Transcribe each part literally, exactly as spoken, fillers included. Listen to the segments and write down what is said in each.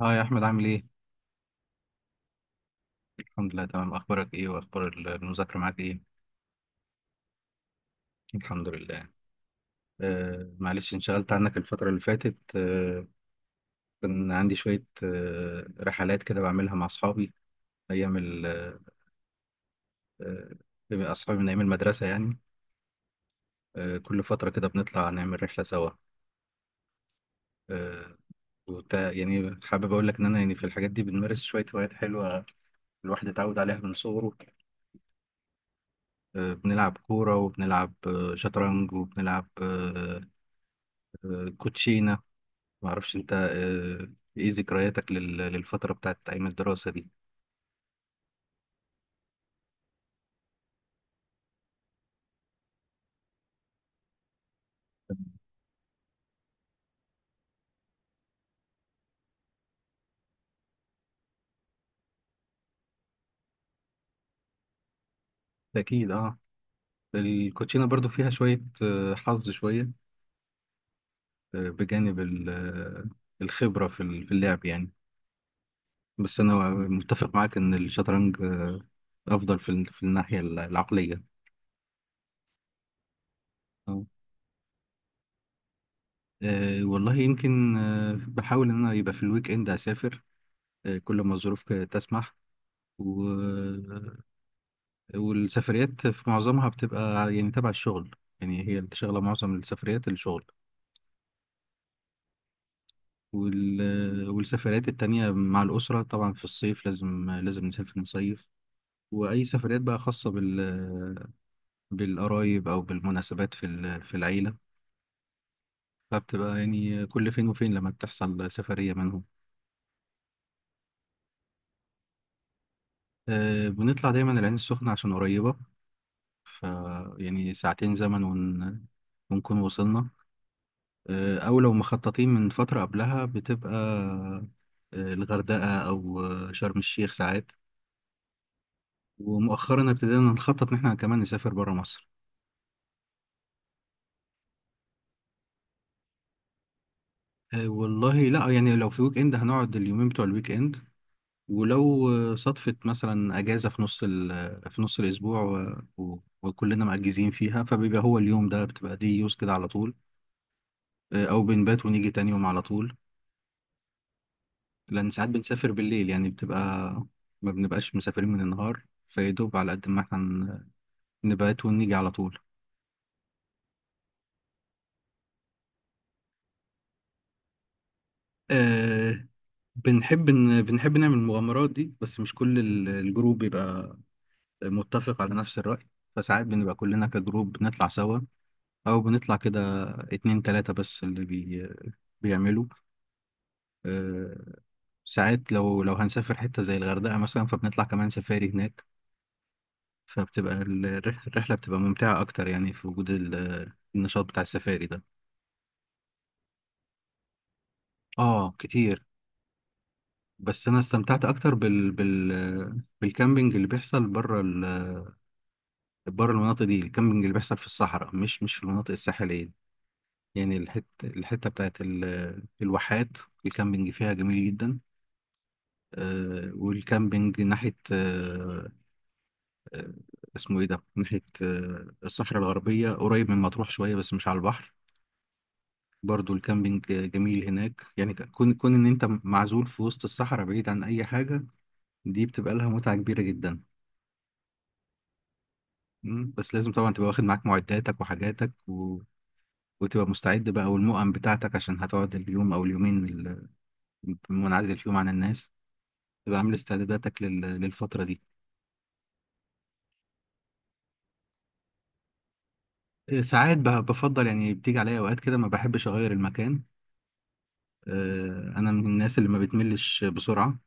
اه يا احمد، عامل ايه؟ الحمد لله تمام. اخبارك ايه واخبار ال- المذاكره معاك ايه؟ الحمد لله. آه معلش، انشغلت عنك الفتره اللي فاتت آه كان عندي شويه آه رحلات كده بعملها مع اصحابي ايام ال آه آه، اصحابي من ايام المدرسه يعني. آه كل فتره كده بنطلع نعمل رحله سوا. آه وت- يعني حابب اقول لك ان انا يعني في الحاجات دي بنمارس شويه هوايات حلوه، الواحد اتعود عليها من صغره. آه بنلعب كوره، وبنلعب آه، شطرنج، وبنلعب آه، آه، كوتشينه. ما اعرفش انت آه، ايه ذكرياتك لل- للفتره بتاعت ايام الدراسه دي؟ اكيد اه، الكوتشينه برضو فيها شويه آه، حظ شويه، آه، بجانب ال- آه، الخبره في ال- في اللعب يعني. بس انا متفق معاك ان الشطرنج آه، افضل في ال- في الناحيه ال- العقليه. آه. آه، والله يمكن، آه، بحاول ان انا يبقى في الويك اند اسافر، آه، كل ما الظروف تسمح. والسفريات في معظمها بتبقى يعني تبع الشغل، يعني هي شغلة معظم السفريات الشغل. وال... والسفريات التانية مع الأسرة، طبعا في الصيف لازم لازم نسافر نصيف. وأي سفريات بقى خاصة بال... بالقرايب أو بالمناسبات في ال... في العيلة، فبتبقى يعني كل فين وفين لما بتحصل سفرية منهم. أه، بنطلع دايما العين السخنة عشان قريبة، ف يعني ساعتين زمن ون... ونكون وصلنا. آه، او لو مخططين من فترة قبلها بتبقى آه، الغردقة او آه، شرم الشيخ ساعات. ومؤخرا ابتدينا نخطط ان احنا كمان نسافر برا مصر. آه، والله لا، يعني لو في ويك اند هنقعد اليومين بتوع الويك اند، ولو آه، صدفت مثلا اجازة في نص ال- آه، في نص الاسبوع و- و- وكلنا مأجزين فيها، فبيبقى هو اليوم ده، بتبقى دي يوز كده على طول. آه، او بنبات ونيجي تاني يوم على طول، لان ساعات بنسافر بالليل، يعني بتبقى ما بنبقاش مسافرين من النهار، فيدوب على قد ما احنا نبات ونيجي على طول. آه، بنحب إن بنحب نعمل المغامرات دي، بس مش كل ال- الجروب بيبقى متفق على نفس الرأي، فساعات بنبقى كلنا كجروب بنطلع سوا، أو بنطلع كده اتنين تلاتة بس اللي بي بيعملوا آه، ساعات لو لو هنسافر حتة زي الغردقة مثلا فبنطلع كمان سفاري هناك، فبتبقى ال- الرح- الرحلة بتبقى ممتعة أكتر، يعني في وجود ال- النشاط بتاع السفاري ده. آه كتير. بس انا استمتعت اكتر بال... بال... بالكامبينج اللي بيحصل بره ال... بره المناطق دي، الكامبينج اللي بيحصل في الصحراء، مش مش في المناطق الساحليه. يعني الحته الحته بتاعت ال... الواحات، الكامبينج فيها جميل جدا. آه والكامبينج ناحيه آه آه، اسمه ايه ده، ناحيه آه الصحراء الغربيه، قريب من مطروح شويه بس مش على البحر، برضو الكامبينج جميل هناك. يعني كون كون ان انت معزول في وسط الصحراء بعيد عن اي حاجه، دي بتبقى لها متعه كبيره جدا. مم، بس لازم طبعا تبقى واخد معاك معداتك وحاجاتك و... وتبقى مستعد بقى، والمؤن بتاعتك، عشان هتقعد اليوم او اليومين ال- منعزل فيهم عن الناس، تبقى عامل استعداداتك لل... للفترة دي. إيه، ساعات ب- بفضل، يعني بتيجي عليا اوقات كده ما بحبش اغير المكان، آه، انا من الناس اللي ما بتملش بسرعة.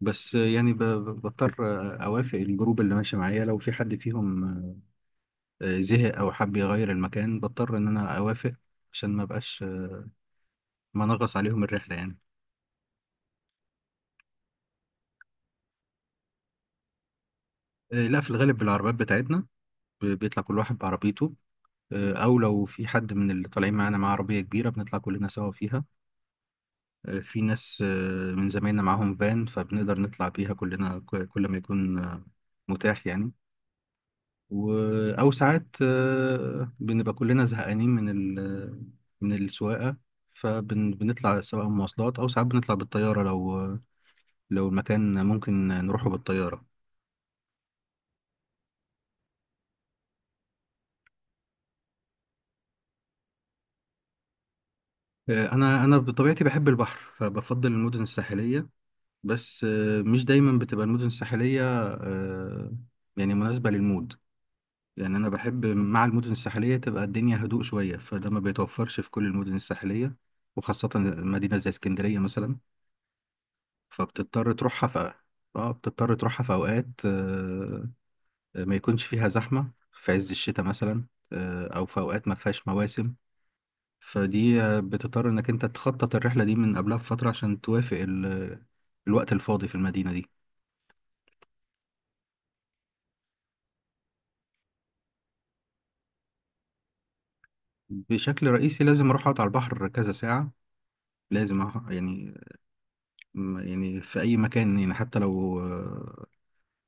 بس آه، يعني ب... ب- بضطر، آه، اوافق الجروب اللي ماشي معايا، لو في حد فيهم آه، زهق او حب يغير المكان بضطر ان انا اوافق، عشان ما بقاش آه، منغص عليهم الرحلة يعني. آه، لا، في الغالب بالعربيات بتاعتنا، بيطلع كل واحد بعربيته، آه، او لو في حد من اللي طالعين معانا معاه عربيه كبيره بنطلع كلنا سوا فيها. آه، في ناس آه، من زمايلنا معاهم فان، فبنقدر نطلع بيها كلنا ك- كل ما يكون آه، متاح يعني. و... او ساعات آه، بنبقى كلنا زهقانين من ال... من السواقه، فبنطلع سواء مواصلات، او ساعات بنطلع بالطياره لو لو المكان ممكن نروحه بالطياره. آه، انا انا بطبيعتي بحب البحر فبفضل المدن الساحليه، بس آه، مش دايما بتبقى المدن الساحلية آه، يعني مناسبة للمود. يعني أنا بحب مع المدن الساحلية تبقى الدنيا هدوء شوية، فده ما بيتوفرش في كل المدن الساحلية، وخاصة مدينة زي اسكندرية مثلا، فبتضطر تروحها في... اه، بتضطر تروحها في أوقات آه، ما يكونش فيها زحمة، في عز الشتاء مثلا، آه، أو في أوقات ما فيهاش مواسم. فدي آه، بتضطر إنك أنت تخطط الرحلة دي من قبلها بفترة عشان توافق ال- الوقت الفاضي في المدينة دي. بشكل رئيسي لازم اروح اقعد على البحر كذا ساعة، لازم أح- يعني م- يعني في اي مكان، يعني حتى لو آه،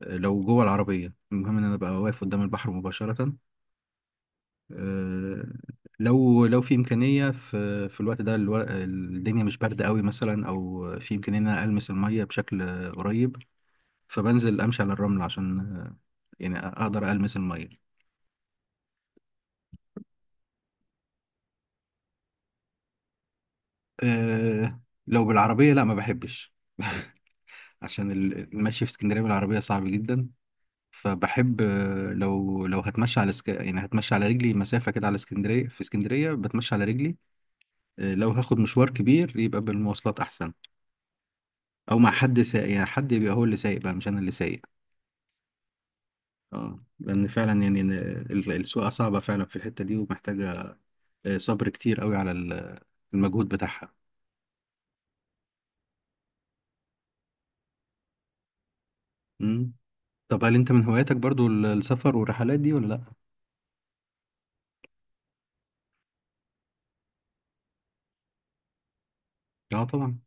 لو جوه العربية، المهم ان انا ابقى واقف قدام البحر مباشرة. آه، لو لو في امكانية في في الوقت ده الو- الدنيا مش باردة قوي مثلا، او في امكانية ان انا المس المية بشكل قريب، فبنزل امشي على الرمل عشان آه، يعني اقدر المس المية. آه، لو بالعربية لا ما بحبش عشان ال- المشي في اسكندرية بالعربية صعب جدا. فبحب آه، لو لو هتمشى على سك... يعني هتمشى على رجلي مسافة كده على اسكندرية، في اسكندرية بتمشى على رجلي. آه، لو هاخد مشوار كبير يبقى بالمواصلات أحسن، أو مع حد سايق، يعني حد يبقى هو اللي سايق بقى، مش أنا اللي سايق. اه، لأن فعلا يعني إن ال- السواقة صعبة فعلا في الحتة دي، ومحتاجة آه، صبر كتير قوي على ال- المجهود بتاعها. مم. طب هل أنت من هواياتك برضو ال- السفر والرحلات دي ولا لأ؟ اه طبعا.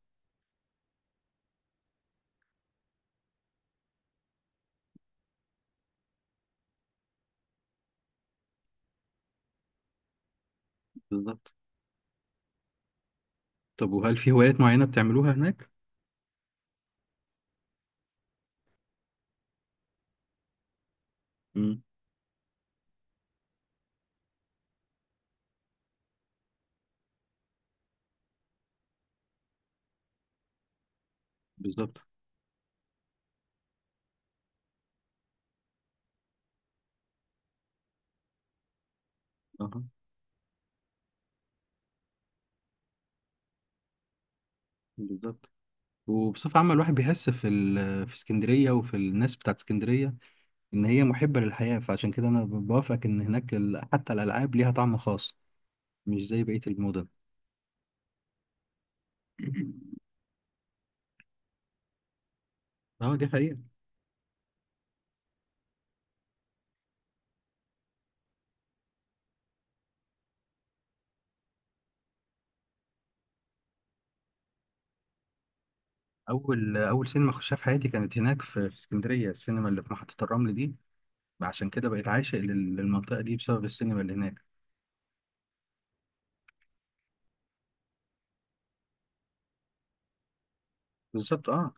بالظبط. طب وهل في هوايات معينة بتعملوها هناك؟ مم. بالظبط اه. بالظبط. وبصفة عامة الواحد بيحس في ال... في اسكندرية وفي الناس بتاعت اسكندرية، إن هي محبة للحياة، فعشان كده أنا بوافقك إن هناك ال... حتى الألعاب ليها طعم خاص، مش زي بقية المدن. اه، دي حقيقة. أول أول سينما خشها في حياتي كانت هناك في... في اسكندرية، السينما اللي في محطة الرمل دي، عشان كده بقيت عاشق لل... للمنطقة دي بسبب السينما اللي هناك. بالظبط اه.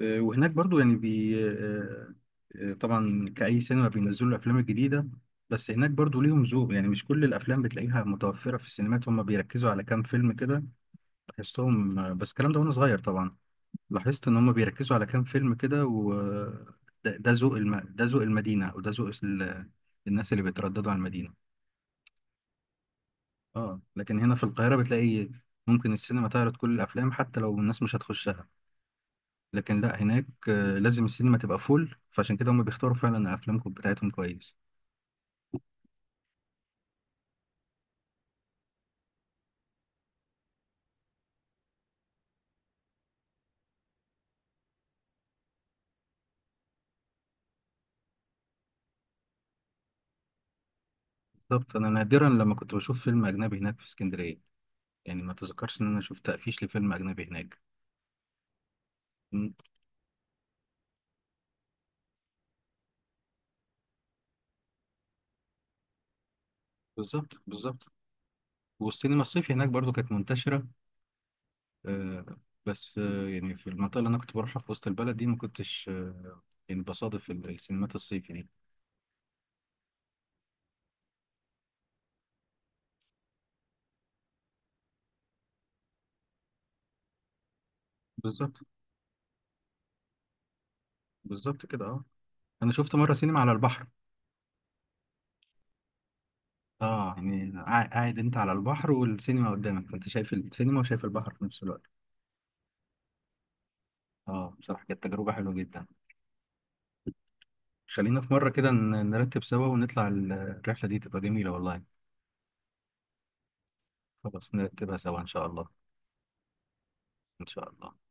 آه، وهناك برضو يعني بي آه، آه، طبعا كأي سينما بينزلوا الأفلام الجديدة، بس هناك برضو ليهم ذوق، يعني مش كل الأفلام بتلاقيها متوفرة في السينمات، هم بيركزوا على كام فيلم كده لاحظتهم، آه، بس الكلام ده وأنا صغير طبعا. لاحظت إن هم بيركزوا على كام فيلم كده، و آه، ده ده ذوق الم... ده ذوق المدينة، أو ده ذوق ال... الناس اللي بيترددوا على المدينة. اه لكن هنا في القاهرة بتلاقي ممكن السينما تعرض كل الأفلام حتى لو الناس مش هتخشها، لكن لا هناك آه، لازم السينما تبقى فول، فعشان كده هم بيختاروا فعلا افلامكم بتاعتهم كويس. بالظبط، انا نادرا لما كنت بشوف فيلم اجنبي هناك في اسكندريه، يعني ما تذكرش ان انا شفت تقفيش لفيلم اجنبي هناك. مم، بالظبط بالظبط. والسينما الصيفي هناك برضو كانت منتشره، آه، بس آه، يعني في المنطقه اللي انا كنت بروحها في وسط البلد دي ما كنتش آه، يعني بصادف ال- السينمات الصيفي دي. بالظبط، بالظبط كده اه. انا شفت مره سينما على البحر، اه يعني قاع- قاعد انت على البحر والسينما قدامك، فانت شايف السينما وشايف البحر في نفس الوقت. اه بصراحة كانت تجربة حلوة جدا. خلينا في مرة كده ن- نرتب سوا ونطلع ال- الرحلة دي تبقى جميلة والله. خلاص نرتبها سوا ان شاء الله. ان شاء الله.